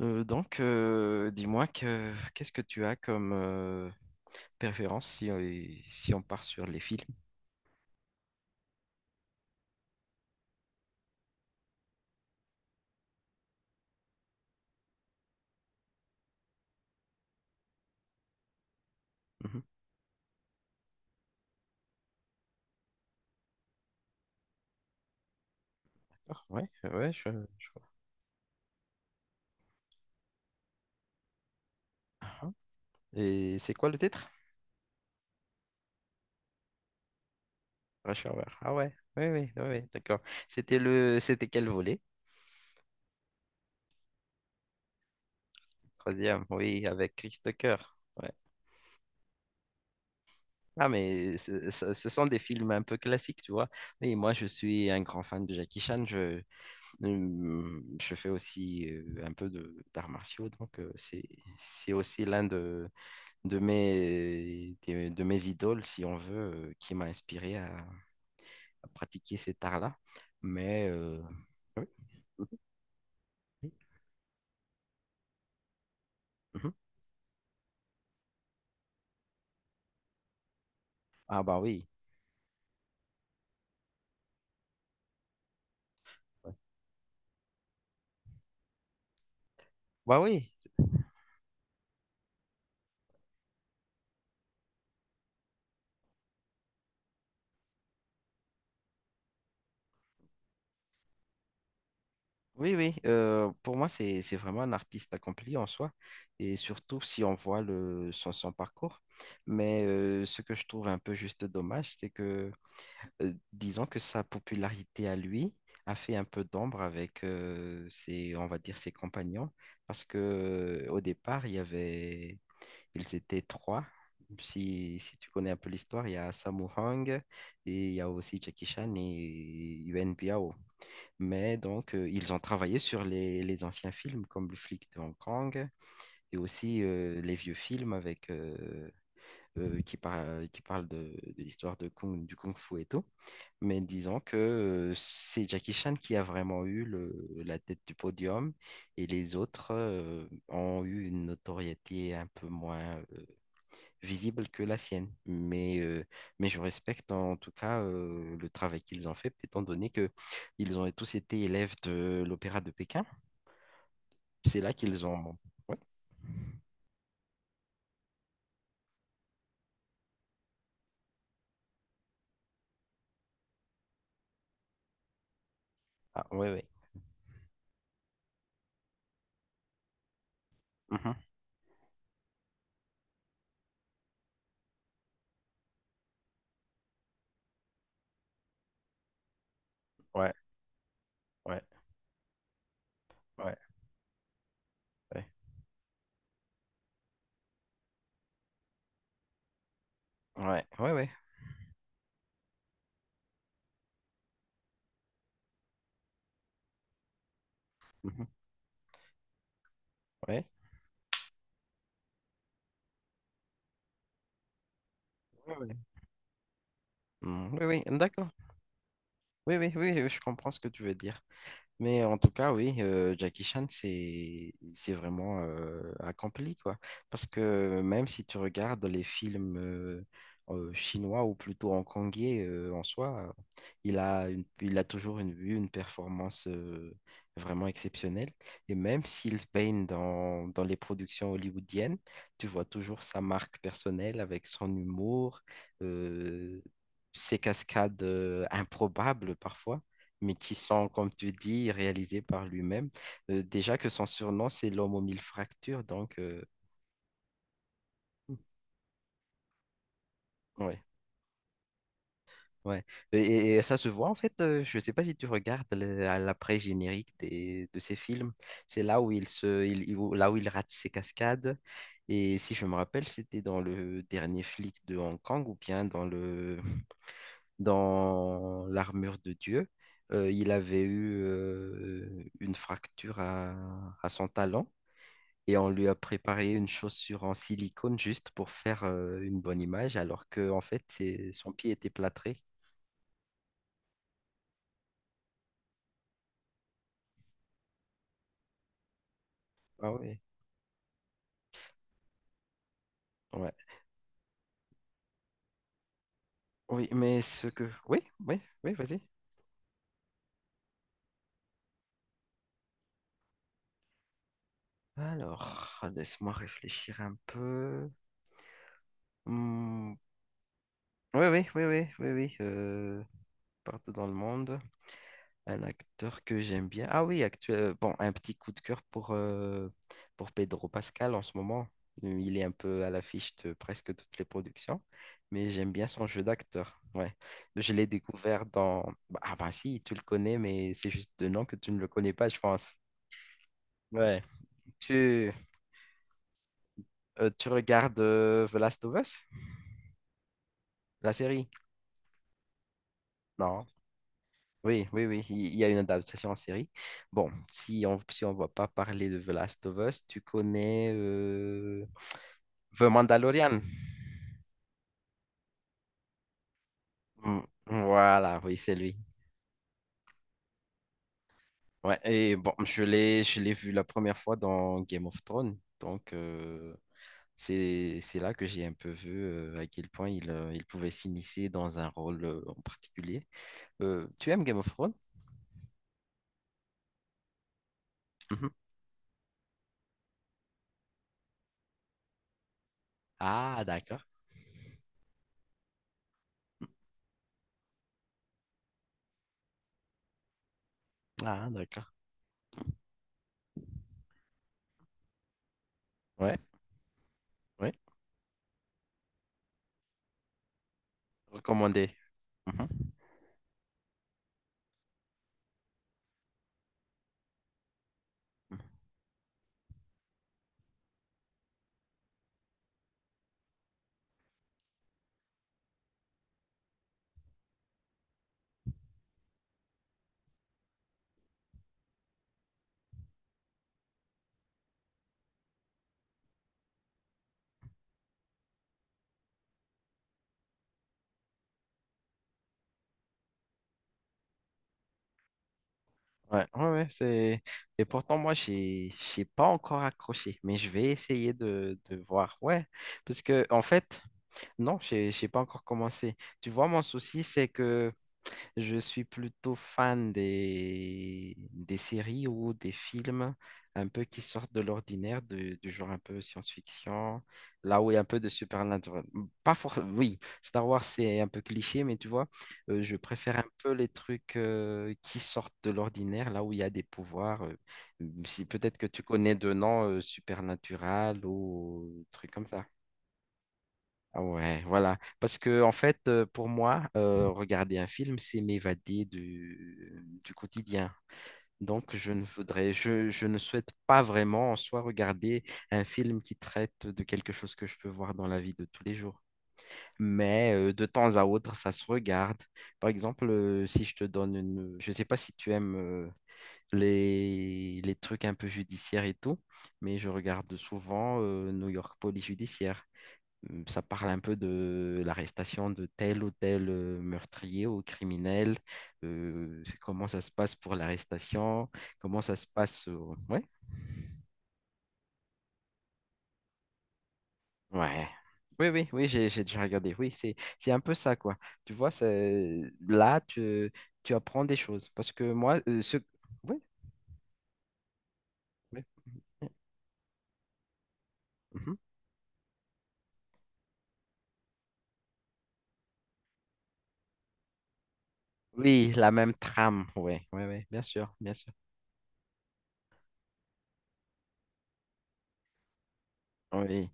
Dis-moi que qu'est-ce que tu as comme préférence si on part sur les films? Mhm. D'accord, ouais, ouais, je vois. Et c'est quoi le titre? Rush Hour. Ah ouais, oui, oui, oui, oui, d'accord. C'était quel volet? Troisième, oui, avec Chris Tucker. Ouais. Ah mais ce sont des films un peu classiques, tu vois. Mais moi, je suis un grand fan de Jackie Chan. Je fais aussi un peu de d'arts martiaux, donc c'est aussi l'un de mes idoles, si on veut, qui m'a inspiré à pratiquer cet art-là. Mais euh, oui, oui, mhm. Ah bah oui. Ouais. Bah oui, oui, oui. Pour moi, c'est vraiment un artiste accompli en soi, et surtout si on voit son parcours. Ce que je trouve un peu juste dommage, c'est que disons que sa popularité à lui a fait un peu d'ombre avec on va dire, ses compagnons, parce que au départ, ils étaient trois. Si tu connais un peu l'histoire, il y a Sammo Hung et il y a aussi Jackie Chan et Yuan Biao. Mais donc, ils ont travaillé sur les anciens films comme Le flic de Hong Kong et aussi les vieux films avec, qui parlent de l'histoire de Kung Fu et tout. Mais disons que c'est Jackie Chan qui a vraiment eu la tête du podium et les autres ont eu une notoriété un peu moins visible que la sienne. Mais je respecte en tout cas le travail qu'ils ont fait, étant donné que ils ont tous été élèves de l'Opéra de Pékin. C'est là qu'ils ont... Ouais, ah, ouais, ouais. Mhm. Ouais, ouais, ouais, ouais, ouais, ouais, ouais. Mhm. Ouais, ouais, ouais. Mm, oui, oui, d'accord. Oui, oui, oui, oui, je comprends ce que tu veux dire. Mais en tout cas, oui, Jackie Chan, c'est vraiment accompli, quoi. Parce que même si tu regardes les films chinois ou plutôt hongkongais en soi, il a toujours eu une performance vraiment exceptionnelle. Et même s'il se baigne dans les productions hollywoodiennes, tu vois toujours sa marque personnelle avec son humour, euh, ses cascades improbables parfois mais qui sont, comme tu dis, réalisés par lui-même. Déjà que son surnom, c'est l'homme aux mille fractures, donc ouais, ouais. Et ça se voit en fait, je ne sais pas si tu regardes à l'après-générique de ces films, c'est là où il se, il- où- là où il rate ses cascades. Et si je me rappelle, c'était dans le dernier flic de Hong Kong ou bien dans l'armure de Dieu. Il avait eu une fracture à son talon. Et on lui a préparé une chaussure en silicone juste pour faire une bonne image, alors que en fait, son pied était plâtré. Ah oui. Ouais. Oui, mais ce que... Oui, oui, oui, vas-y. Alors, laisse-moi réfléchir un peu. Hmm. Oui, oui, oui, oui, oui, oui. Partout dans le monde. Un acteur que j'aime bien. Ah oui, actuel... bon, un petit coup de cœur pour Pedro Pascal en ce moment. Il est un peu à l'affiche de presque toutes les productions, mais j'aime bien son jeu d'acteur. Ouais. Je l'ai découvert dans... bah, ah bah si, tu le connais, mais c'est juste de nom que tu ne le connais pas, je pense. Ouais. Tu, Tu regardes The Last of Us, la série? Non. Oui, oui, oui, il y a une adaptation en série. Bon, si on va pas parler de The Last of Us, tu connais... The Mandalorian. Mm, voilà, oui, c'est lui. Ouais, et bon, je l'ai vu la première fois dans Game of Thrones. Donc, c'est là que j'ai un peu vu à quel point il pouvait s'immiscer dans un rôle en particulier. Tu aimes Game of Thrones? Mhm. Ah, d'accord. Ah, d'accord. Ouais, ouais. Recommandé. Mhm. Ouais, ouais, ouais, c'est... Et pourtant, moi, j'ai pas encore accroché, mais je vais essayer de voir. Ouais, parce que, en fait, non, j'ai pas encore commencé. Tu vois, mon souci, c'est que je suis plutôt fan des séries ou des films un peu qui sortent de l'ordinaire, du genre un peu science-fiction, là où il y a un peu de supernatural. Pas for... Oui, Star Wars, c'est un peu cliché, mais tu vois, je préfère un peu les trucs qui sortent de l'ordinaire, là où il y a des pouvoirs. Si peut-être que tu connais de noms supernatural ou trucs comme ça. Ah ouais, voilà. Parce que, en fait, pour moi, regarder un film, c'est m'évader du quotidien. Donc, je ne souhaite pas vraiment en soi regarder un film qui traite de quelque chose que je peux voir dans la vie de tous les jours. Mais de temps à autre, ça se regarde. Par exemple, si je te donne une... Je ne sais pas si tu aimes les trucs un peu judiciaires et tout, mais je regarde souvent New York Police Judiciaire. Ça parle un peu de l'arrestation de tel ou tel meurtrier ou criminel, c'est comment ça se passe pour l'arrestation, comment ça se passe. Ouais, ouais. Oui, oui, oui, j'ai déjà regardé. Oui, c'est un peu ça, quoi. Tu vois, là, tu, tu apprends des choses. Parce que moi, ce. Oui, oui. Mhm. Oui, la même trame. Oui, oui, oui, bien sûr, bien sûr. Oui,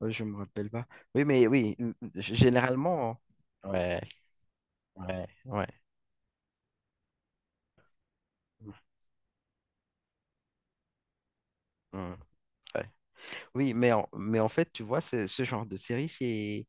oui, je me rappelle pas. Oui, mais oui, généralement. Ouais, ouais, ouais. Hmm, ouais. Oui, mais en fait, tu vois, ce genre de série, c'est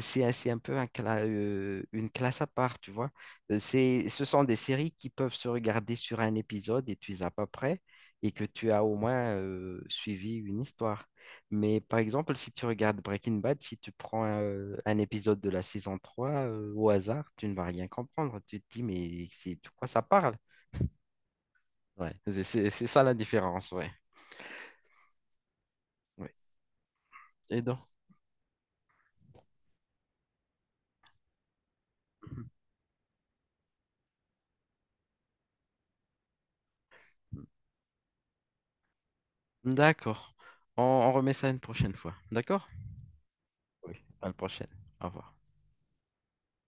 c'est un c'est un peu une classe à part, tu vois. Ce sont des séries qui peuvent se regarder sur un épisode et tu es à peu près et que tu as au moins suivi une histoire. Mais par exemple, si tu regardes Breaking Bad, si tu prends épisode de la saison 3 au hasard, tu ne vas rien comprendre. Tu te dis, mais c'est de quoi ça parle? Ouais. C'est ça la différence, ouais. Ouais. Et donc? D'accord. On remet ça une prochaine fois. D'accord? Oui. À la prochaine. Au revoir.